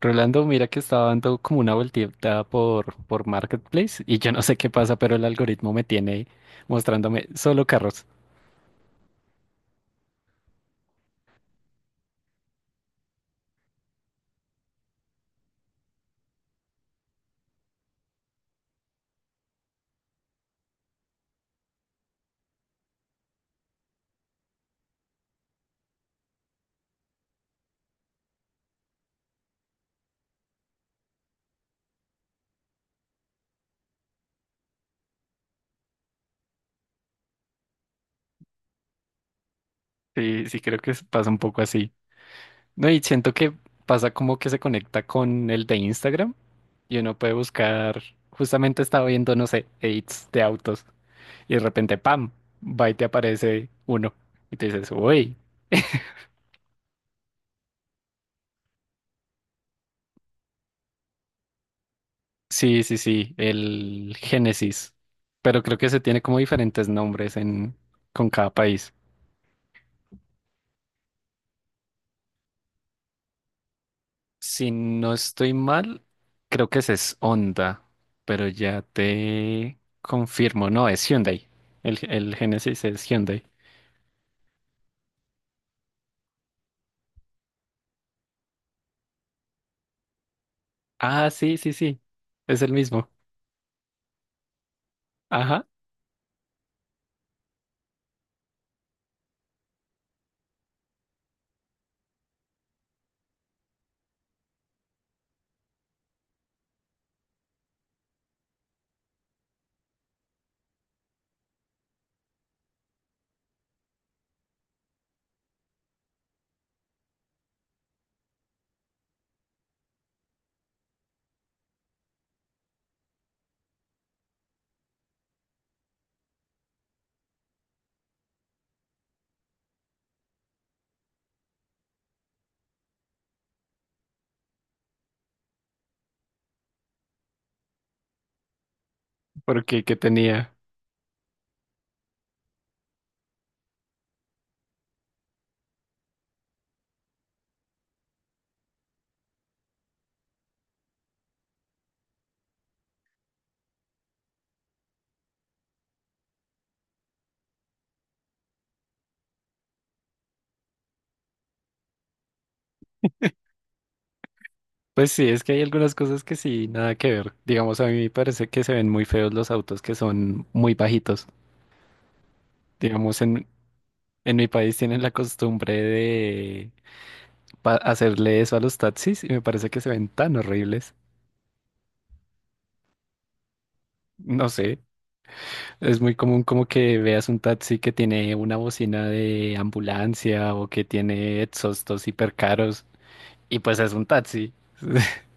Rolando, mira que estaba dando como una vueltita por Marketplace y yo no sé qué pasa, pero el algoritmo me tiene mostrándome solo carros. Sí, creo que pasa un poco así. No, y siento que pasa como que se conecta con el de Instagram y uno puede buscar, justamente estaba viendo, no sé, edits de autos y de repente, ¡pam!, va y te aparece uno y te dices, uy, sí, sí, sí, el Génesis, pero creo que se tiene como diferentes nombres con cada país. Si no estoy mal, creo que ese es Honda, pero ya te confirmo. No, es Hyundai. El Genesis es Hyundai. Ah, sí, sí, sí. Es el mismo. Ajá, porque que tenía. Pues sí, es que hay algunas cosas que sí, nada que ver. Digamos, a mí me parece que se ven muy feos los autos que son muy bajitos. Digamos, en mi país tienen la costumbre de hacerle eso a los taxis y me parece que se ven tan horribles. No sé. Es muy común como que veas un taxi que tiene una bocina de ambulancia o que tiene exhaustos hiper caros y pues es un taxi.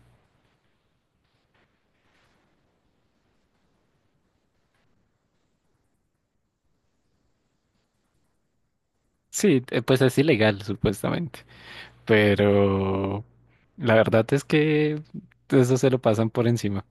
Sí, pues es ilegal supuestamente, pero la verdad es que eso se lo pasan por encima.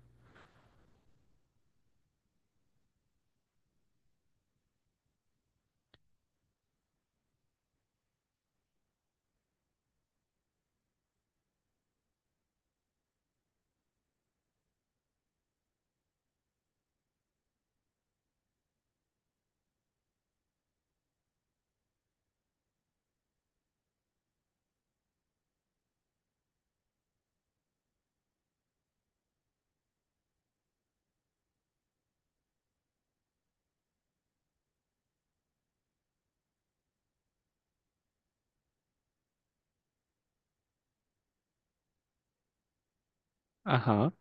Ajá.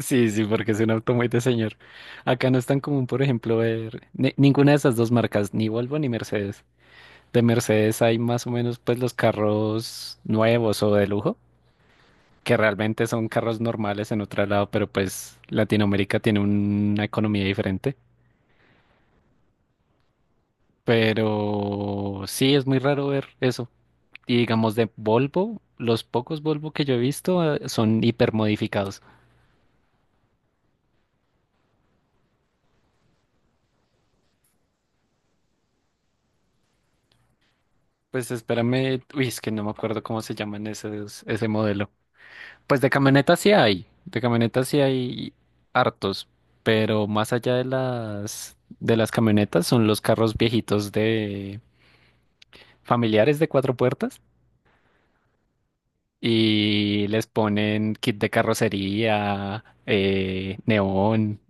Sí, sí, porque es un auto muy de señor. Acá no es tan común, por ejemplo, ver ninguna de esas dos marcas, ni Volvo ni Mercedes. De Mercedes hay más o menos pues los carros nuevos o de lujo, que realmente son carros normales en otro lado, pero pues Latinoamérica tiene una economía diferente. Pero sí, es muy raro ver eso. Y digamos de Volvo, los pocos Volvo que yo he visto son hipermodificados. Pues espérame, uy, es que no me acuerdo cómo se llaman esos, ese modelo. Pues de camionetas sí hay, de camionetas sí hay hartos, pero más allá de las camionetas son los carros viejitos de familiares de 4 puertas y les ponen kit de carrocería, neón,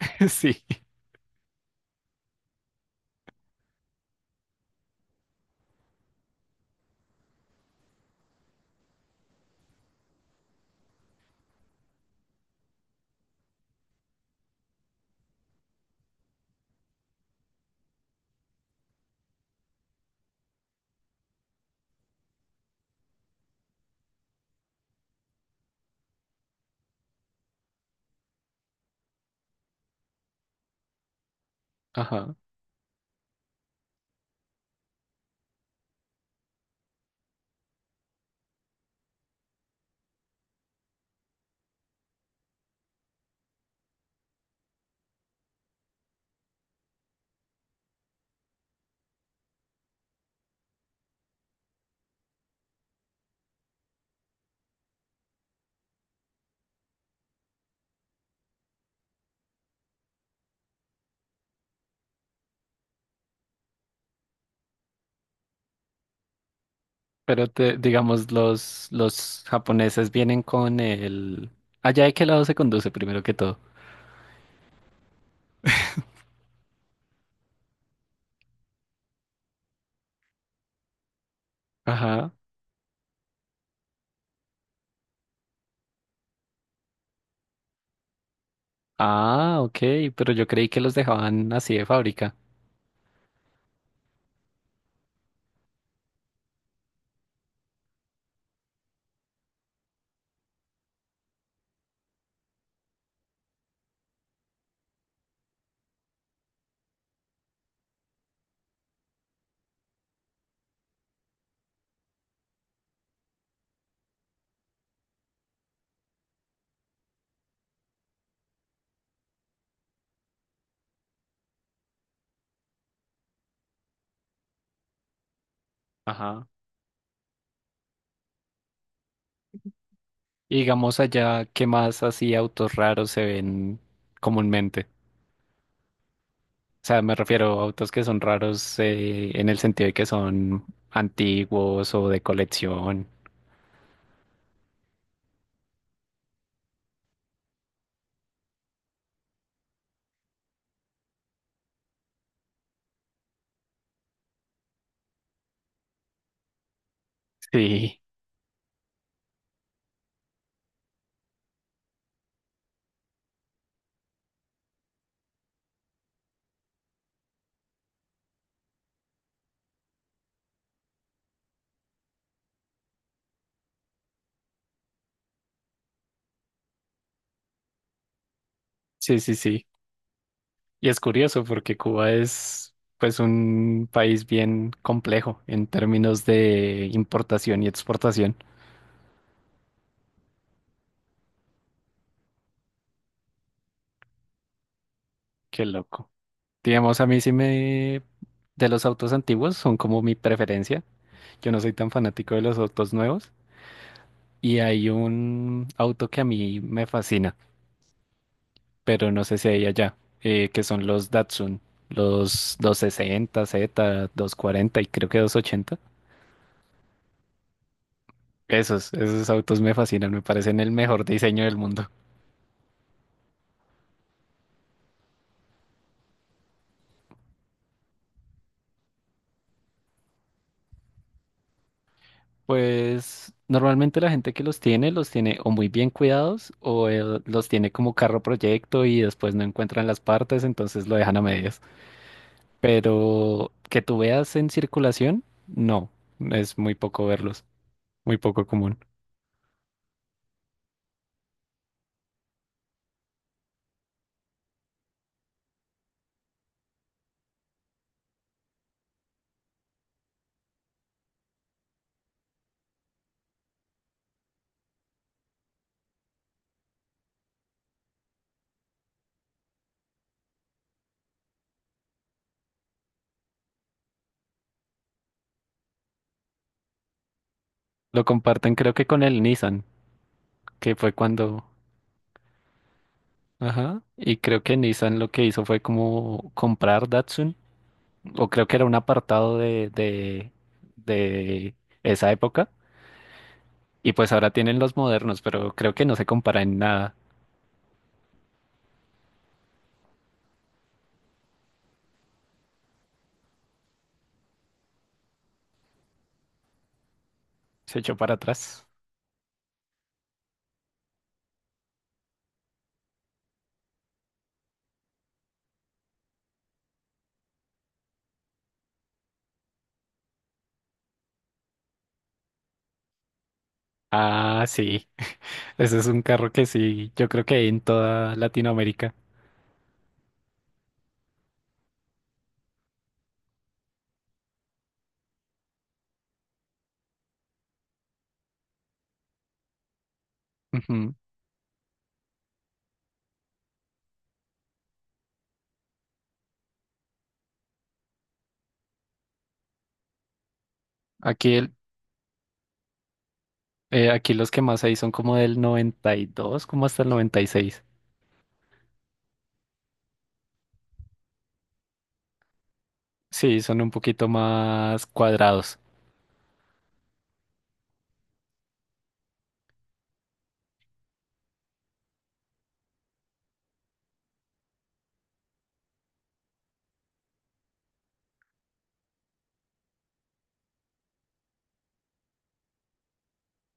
sí, ajá. Pero digamos, los japoneses vienen con el... ¿Allá de qué lado se conduce primero que todo? Ajá. Ah, ok, pero yo creí que los dejaban así de fábrica. Ajá. Y digamos allá, ¿qué más así autos raros se ven comúnmente? O sea, me refiero a autos que son raros en el sentido de que son antiguos o de colección. Sí, sí, sí, sí. Y es curioso porque Cuba es pues un país bien complejo en términos de importación y exportación. Qué loco. Digamos, a mí sí me... De los autos antiguos son como mi preferencia. Yo no soy tan fanático de los autos nuevos. Y hay un auto que a mí me fascina, pero no sé si hay allá, que son los Datsun, los 260 Z, 240 y creo que 280. Esos, esos autos me fascinan, me parecen el mejor diseño del mundo. Pues normalmente la gente que los tiene o muy bien cuidados o los tiene como carro proyecto y después no encuentran las partes, entonces lo dejan a medias. Pero que tú veas en circulación, no, es muy poco verlos, muy poco común. Lo comparten creo que con el Nissan, que fue cuando... Ajá, y creo que Nissan lo que hizo fue como comprar Datsun o creo que era un apartado de esa época. Y pues ahora tienen los modernos, pero creo que no se compara en nada. Se echó para atrás. Ah, sí. Ese es un carro que sí, yo creo que hay en toda Latinoamérica. Ujú. Aquí, aquí los que más hay son como del 92, como hasta el 96. Sí, son un poquito más cuadrados.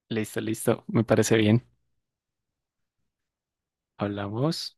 Listo, listo. Me parece bien. Hablamos.